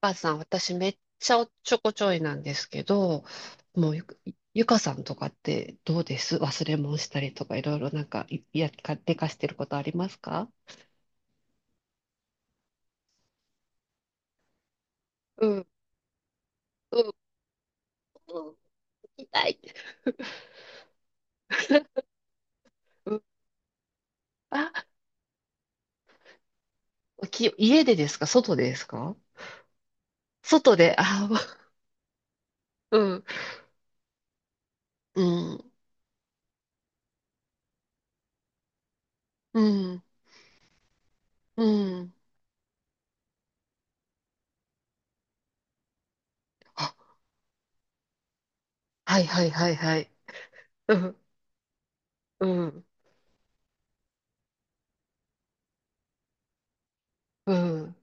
かさん、私めっちゃおっちょこちょいなんですけど、もうゆ、ゆかさんとかってどうです忘れ物したりとかいろいろなんか、でかしてることありますか？うん、うん、うん、痛い。うん、あ、家でですか？外でですか？外で、あ、うん、うん、うん、うん。あ、はいはいはいはい。うん、うん、うん。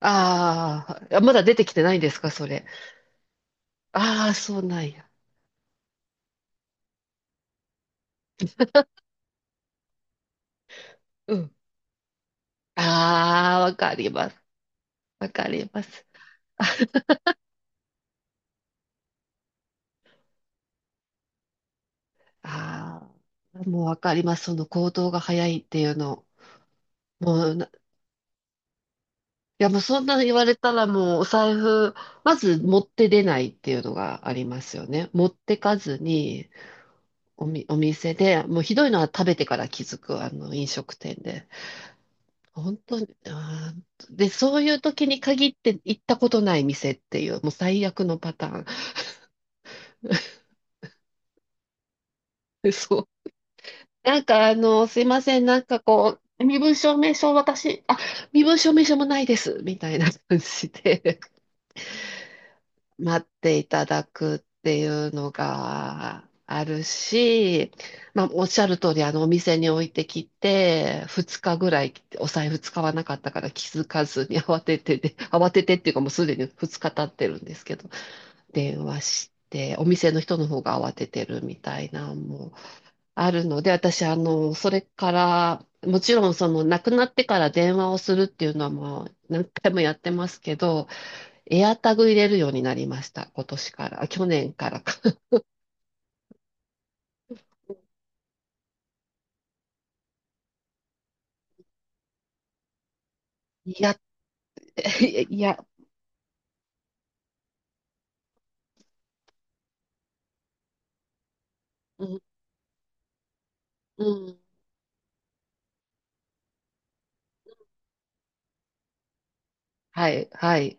あーあ、まだ出てきてないんですかそれ？ああ、そうなんや。ああ、わかります。わかります。ああ、もうわかります。その行動が早いっていうの。もうな、いやもうそんなの言われたらもうお財布、まず持って出ないっていうのがありますよね。持ってかずに、お店で、もうひどいのは食べてから気づく、あの飲食店で。本当に、で、そういう時に限って行ったことない店っていう、もう最悪のパターン。そう。なんかあの、すいません、なんかこう、身分証明書私、あ、身分証明書もないです、みたいな感じで 待っていただくっていうのがあるし、まあ、おっしゃる通り、あの、お店に置いてきて、2日ぐらいお財布使わなかったから気づかずに慌ててで、慌ててっていうかもうすでに2日経ってるんですけど、電話して、お店の人の方が慌ててるみたいな、もう。あるので、私、あの、それから、もちろん、その、亡くなってから電話をするっていうのはもう何回もやってますけど、エアタグ入れるようになりました。今年から、あ去年からか。いやって、いや、うん、うん。はい、はい。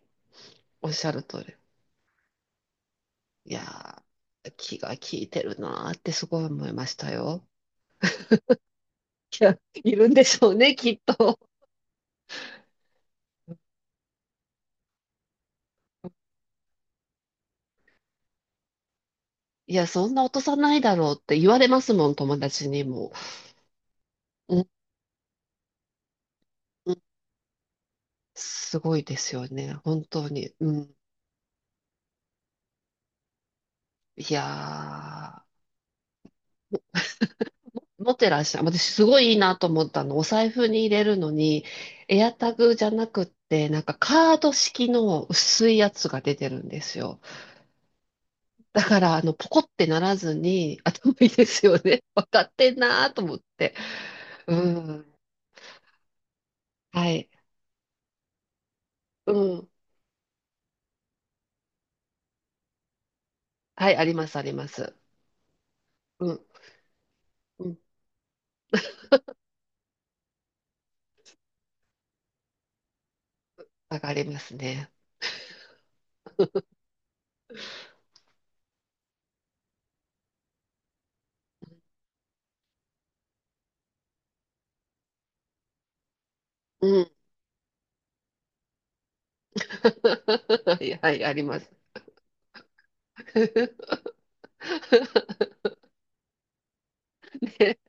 おっしゃる通り。いやー、気が利いてるなーってすごい思いましたよ。いや、いるんでしょうね、きっと。いや、そんな落とさないだろうって言われますもん、友達にも。うん。すごいですよね。本当に。うん。いやー、持ってらっしゃる。私、すごいいいなと思ったの。お財布に入れるのに、エアタグじゃなくって、なんかカード式の薄いやつが出てるんですよ。だから、あの、ポコってならずに、頭いいですよね。分かってんなーと思って。うん。はい。うん。はい、あります、あります。うん。うん。わかりますね。うん。はい、はい、あります。ね。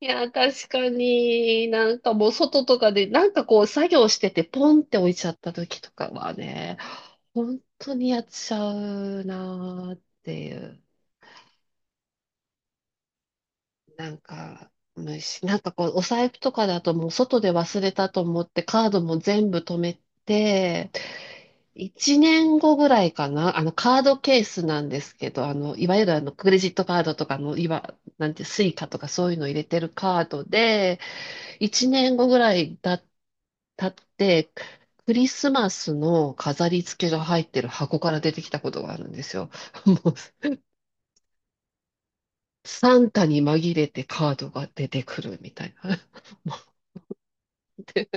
いや、確かに、なんかもう外とかで、なんかこう作業しててポンって置いちゃった時とかはね、本当にやっちゃうなーっていう、なんか、なんかこうお財布とかだともう外で忘れたと思ってカードも全部止めて、1年後ぐらいかな、あのカードケースなんですけど、あの、いわゆるあのクレジットカードとかの、なんて、スイカとかそういうの入れてるカードで、一年後ぐらいだ、経って、クリスマスの飾り付けが入ってる箱から出てきたことがあるんですよ。もう、サンタに紛れてカードが出てくるみたいな。もうで、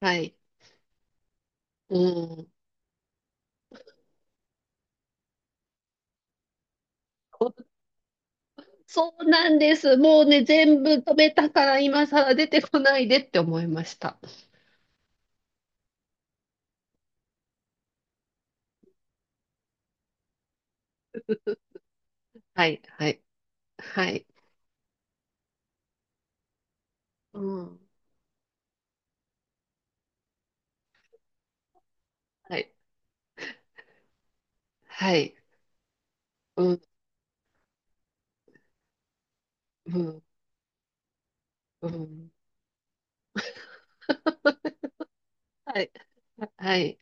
はい。うん。そうなんです。もうね、全部止めたから今更出てこないでって思いました。はい、はい、はい。うん。はい、はい。うん、うん、うん。はい、はい。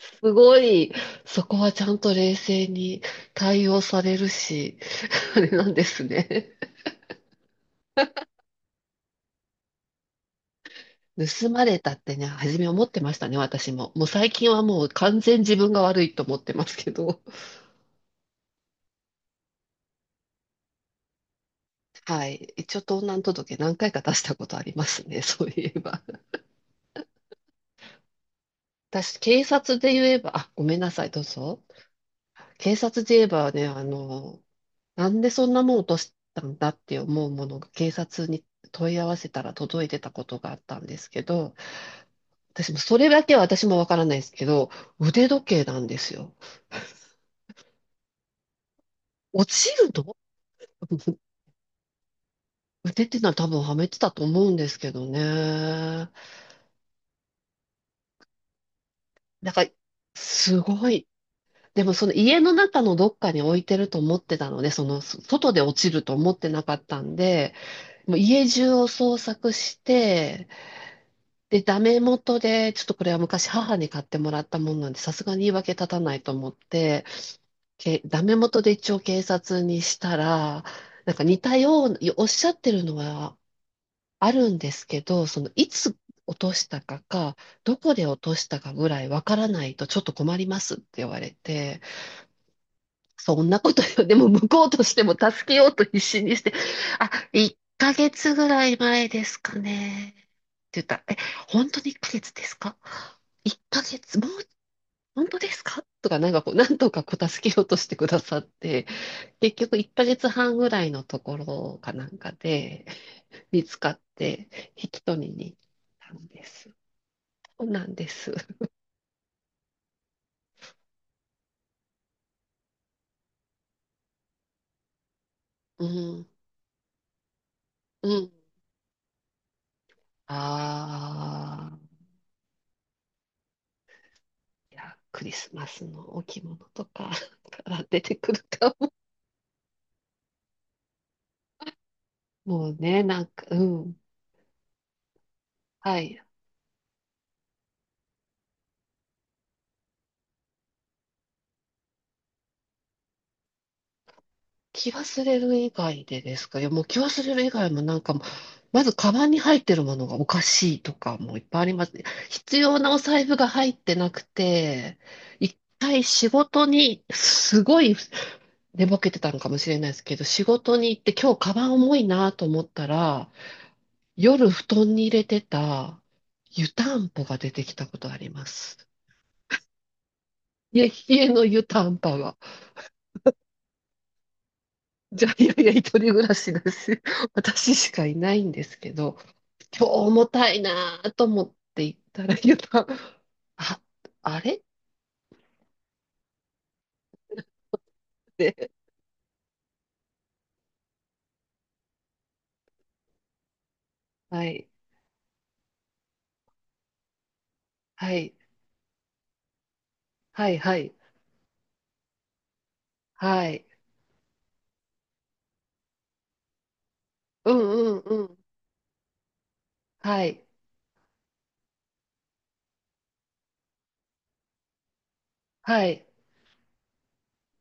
すごい、そこはちゃんと冷静に対応されるし、あれなんですね。盗まれたってね、初め思ってましたね、私も。もう最近はもう完全自分が悪いと思ってますけど。はい。一応盗難届何回か出したことありますね、そういえば。私、警察で言えば、あ、ごめんなさい、どうぞ。警察で言えばね、あの、なんでそんなもん落としたんだって思うものが警察に問い合わせたら届いてたことがあったんですけど、私もそれだけは私もわからないですけど、腕時計なんですよ。落ちるの。 腕っていうのは多分はめてたと思うんですけどね。なんか、すごい。でもその家の中のどっかに置いてると思ってたので、そのそ外で落ちると思ってなかったんで、もう家中を捜索して、で、ダメ元で、ちょっとこれは昔母に買ってもらったもんなんで、さすがに言い訳立たないと思って、ダメ元で一応警察にしたら、なんか似たような、おっしゃってるのはあるんですけど、そのいつ落としたか、どこで落としたかぐらいわからないとちょっと困りますって言われて、そんなことよ。でも向こうとしても助けようと必死にして、あ、1ヶ月ぐらい前ですかね。って言ったら、え、本当に1ヶ月ですか？ 1 ヶ月、もう、本当ですかとか、なんかこう、なんとかこう助けようとしてくださって、結局1ヶ月半ぐらいのところかなんかで 見つかって引き取りに行ったんです。そうなんです。うん。うん。ああ。いや、クリスマスの置物とか から出てくるかも。もうね、なんか、うん。はい。気忘れる以外でですか？いや、もう気忘れる以外もなんかもう、まずカバンに入ってるものがおかしいとかもいっぱいあります。必要なお財布が入ってなくて、一回仕事に、すごい寝ぼけてたのかもしれないですけど、仕事に行って今日カバン重いなと思ったら、夜布団に入れてた湯たんぽが出てきたことあります。家の湯たんぽが。じゃあ、いやいや、一人暮らしだし、私しかいないんですけど、今日重たいなぁと思って行ったら、あ、あれって、はい、はい、はい、はい、はい、うん、うん、うん、はい、はい、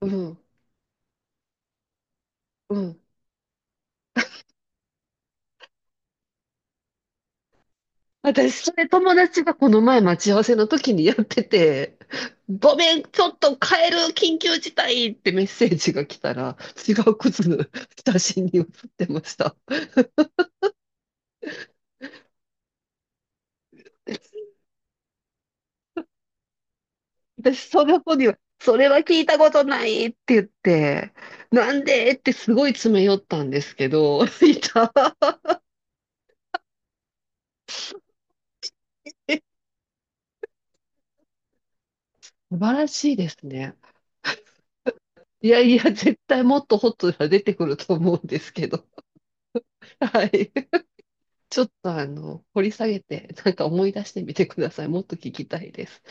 うん、うん。私、それ友達がこの前待ち合わせの時にやってて、ごめん、ちょっと帰る緊急事態ってメッセージが来たら、違う靴の写真に写ってました。私、その子には、それは聞いたことないって言って、なんでってすごい詰め寄ったんですけど、いた。素晴らしいですね。いやいや、絶対もっとホットが出てくると思うんですけど。はい。ちょっとあの、掘り下げて、なんか思い出してみてください。もっと聞きたいです。